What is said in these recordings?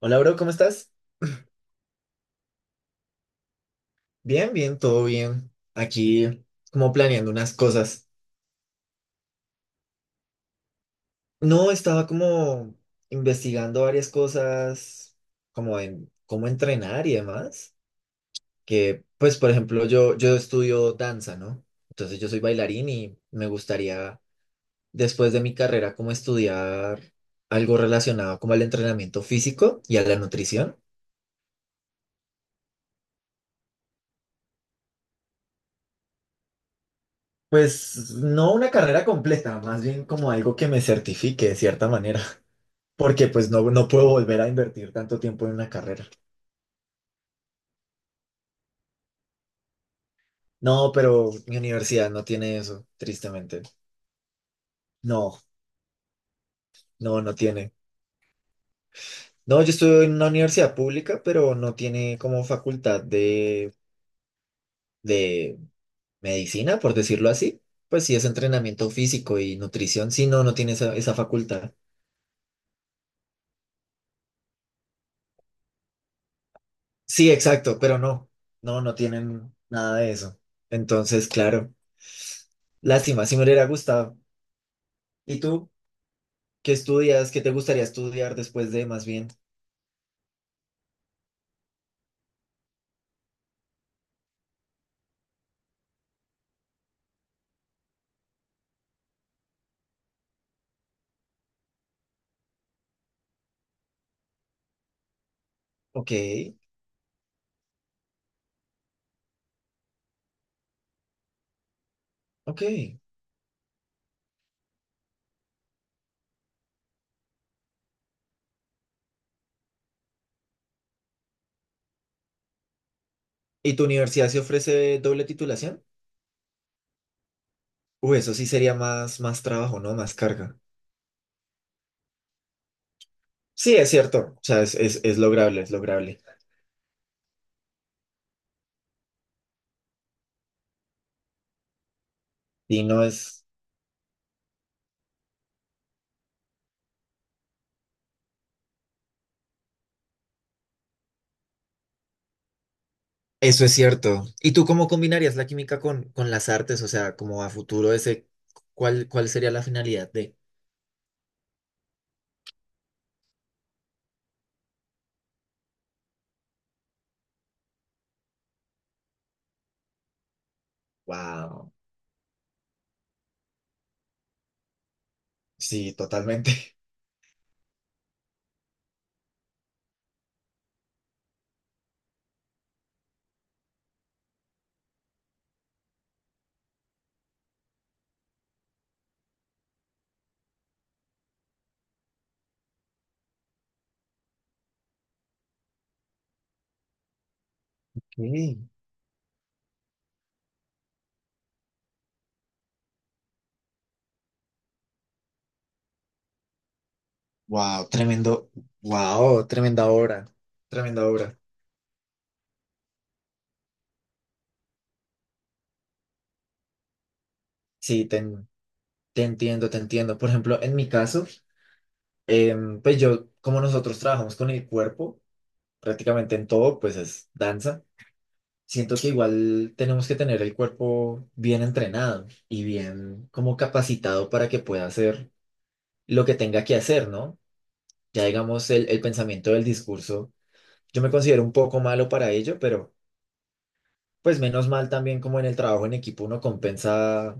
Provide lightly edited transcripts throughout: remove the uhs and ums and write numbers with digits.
Hola, bro, ¿cómo estás? Bien, bien, todo bien. Aquí como planeando unas cosas. No, estaba como investigando varias cosas, como en cómo entrenar y demás. Que, pues, por ejemplo, yo estudio danza, ¿no? Entonces yo soy bailarín y me gustaría, después de mi carrera, como estudiar algo relacionado como al entrenamiento físico y a la nutrición. Pues no una carrera completa, más bien como algo que me certifique de cierta manera. Porque pues no, no puedo volver a invertir tanto tiempo en una carrera. No, pero mi universidad no tiene eso, tristemente. No, no, no tiene. No, yo estuve en una universidad pública, pero no tiene como facultad de medicina, por decirlo así. Pues sí, es entrenamiento físico y nutrición. Sí, no, no tiene esa facultad. Sí, exacto, pero no, no, no tienen nada de eso. Entonces, claro, lástima, si me hubiera gustado. ¿Y tú qué estudias? ¿Qué te gustaría estudiar después de más bien? Ok, ok. ¿Y tu universidad se ofrece doble titulación? Uy, eso sí sería más, más trabajo, ¿no? Más carga. Sí, es cierto. O sea, es lograble, es lograble. Y no es... Eso es cierto. ¿Y tú cómo combinarías la química con las artes? O sea, como a futuro ese, ¿cuál, cuál sería la finalidad de? Wow. Sí, totalmente. Wow, tremendo. Wow, tremenda obra. Tremenda obra. Sí, te, en- te entiendo, te entiendo. Por ejemplo, en mi caso... pues yo, como nosotros trabajamos con el cuerpo, prácticamente en todo, pues es danza. Siento que igual tenemos que tener el cuerpo bien entrenado y bien como capacitado para que pueda hacer lo que tenga que hacer, ¿no? Ya digamos el pensamiento del discurso, yo me considero un poco malo para ello, pero pues menos mal también como en el trabajo en equipo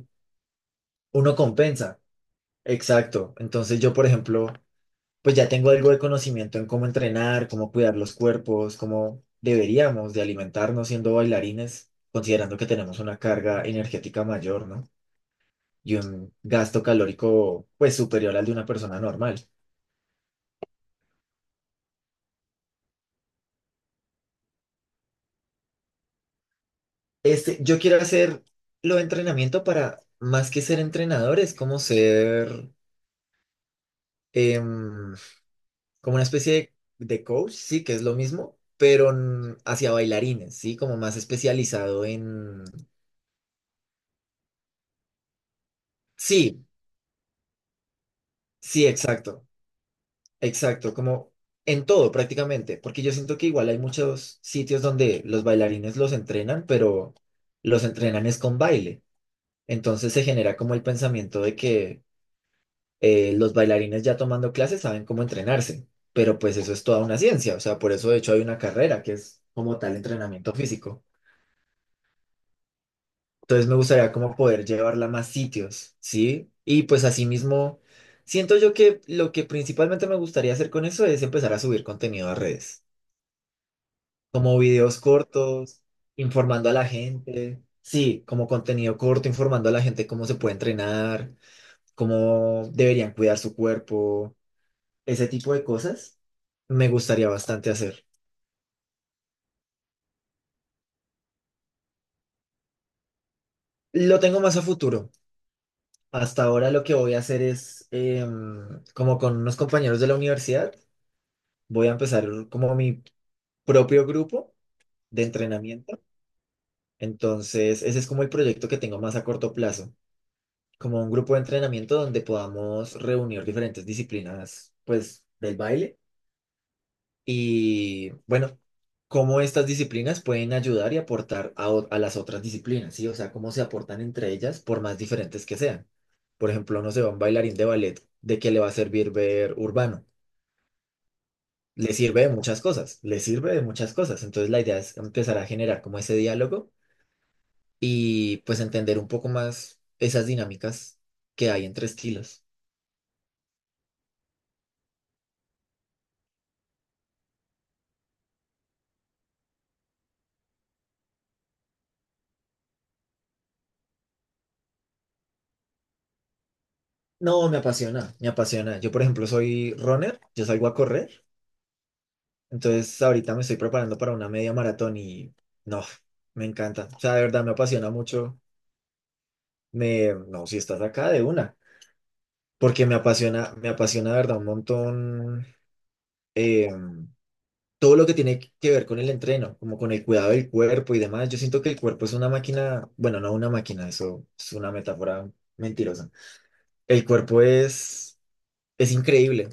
uno compensa, exacto. Entonces yo, por ejemplo... Pues ya tengo algo de conocimiento en cómo entrenar, cómo cuidar los cuerpos, cómo deberíamos de alimentarnos siendo bailarines, considerando que tenemos una carga energética mayor, ¿no? Y un gasto calórico, pues, superior al de una persona normal. Este, yo quiero hacer lo de entrenamiento para, más que ser entrenador, es como ser, em, como una especie de coach, sí, que es lo mismo, pero hacia bailarines, sí, como más especializado en... Sí, sí, exacto. Exacto, como en todo prácticamente, porque yo siento que igual hay muchos sitios donde los bailarines los entrenan, pero los entrenan es con baile. Entonces se genera como el pensamiento de que los bailarines ya tomando clases saben cómo entrenarse, pero pues eso es toda una ciencia, o sea, por eso de hecho hay una carrera que es como tal entrenamiento físico. Entonces me gustaría como poder llevarla a más sitios, ¿sí? Y pues asimismo, siento yo que lo que principalmente me gustaría hacer con eso es empezar a subir contenido a redes. Como videos cortos, informando a la gente. Sí, como contenido corto, informando a la gente cómo se puede entrenar, cómo deberían cuidar su cuerpo, ese tipo de cosas me gustaría bastante hacer. Lo tengo más a futuro. Hasta ahora lo que voy a hacer es, como con unos compañeros de la universidad, voy a empezar como mi propio grupo de entrenamiento. Entonces, ese es como el proyecto que tengo más a corto plazo. Como un grupo de entrenamiento donde podamos reunir diferentes disciplinas, pues, del baile. Y bueno, cómo estas disciplinas pueden ayudar y aportar a, o- a las otras disciplinas, ¿sí? O sea, cómo se aportan entre ellas, por más diferentes que sean. Por ejemplo, no sé, un bailarín de ballet, ¿de qué le va a servir ver urbano? Le sirve de muchas cosas, le sirve de muchas cosas. Entonces, la idea es empezar a generar como ese diálogo y pues entender un poco más esas dinámicas que hay entre estilos. No, me apasiona, me apasiona. Yo, por ejemplo, soy runner, yo salgo a correr, entonces ahorita me estoy preparando para una media maratón y no, me encanta. O sea, de verdad me apasiona mucho. Me, no, si estás acá de una, porque me apasiona de verdad un montón eh, todo lo que tiene que ver con el entreno, como con el cuidado del cuerpo y demás. Yo siento que el cuerpo es una máquina, bueno, no una máquina, eso es una metáfora mentirosa. El cuerpo es increíble.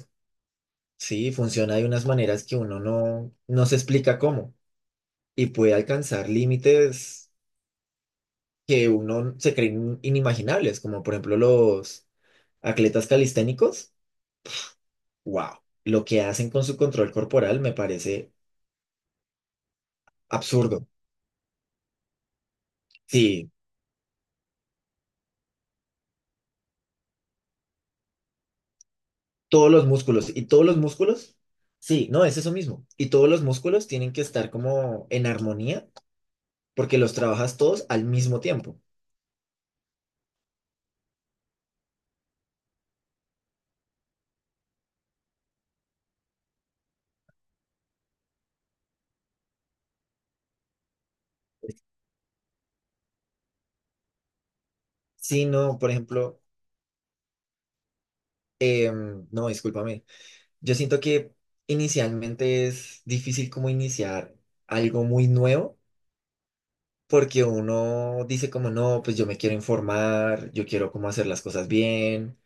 Sí, funciona de unas maneras que uno no, no se explica cómo y puede alcanzar límites que uno se creen inimaginables, como por ejemplo los atletas calisténicos. ¡Wow! Lo que hacen con su control corporal me parece absurdo. Sí, todos los músculos y todos los músculos, sí, no, es eso mismo. Y todos los músculos tienen que estar como en armonía porque los trabajas todos al mismo tiempo. Si no, por ejemplo, no, discúlpame. Yo siento que inicialmente es difícil como iniciar algo muy nuevo, porque uno dice como, no, pues yo me quiero informar, yo quiero como hacer las cosas bien,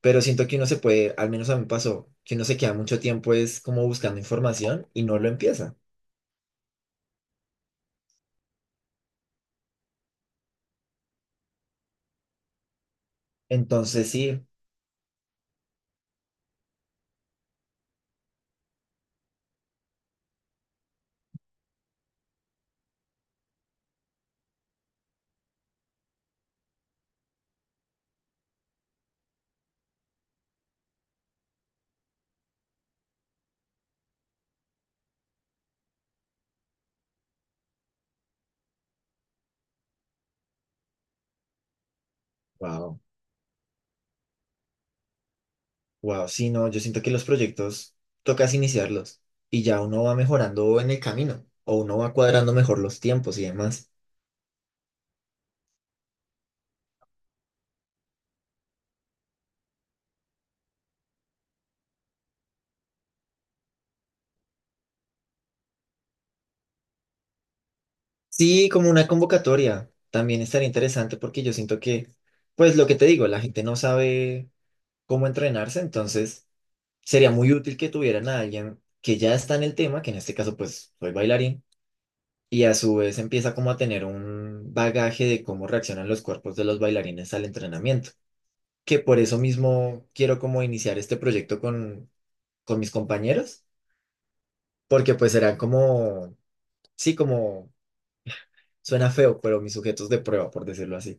pero siento que uno se puede, al menos a mí me pasó, que uno se queda mucho tiempo es como buscando información y no lo empieza. Entonces sí, wow, wow, sí, no, yo siento que los proyectos tocas iniciarlos y ya uno va mejorando en el camino o uno va cuadrando mejor los tiempos y demás. Sí, como una convocatoria también estaría interesante porque yo siento que, pues lo que te digo, la gente no sabe cómo entrenarse, entonces sería muy útil que tuvieran a alguien que ya está en el tema, que en este caso pues soy bailarín, y a su vez empieza como a tener un bagaje de cómo reaccionan los cuerpos de los bailarines al entrenamiento, que por eso mismo quiero como iniciar este proyecto con mis compañeros, porque pues serán como, sí, como suena feo, pero mis sujetos de prueba, por decirlo así.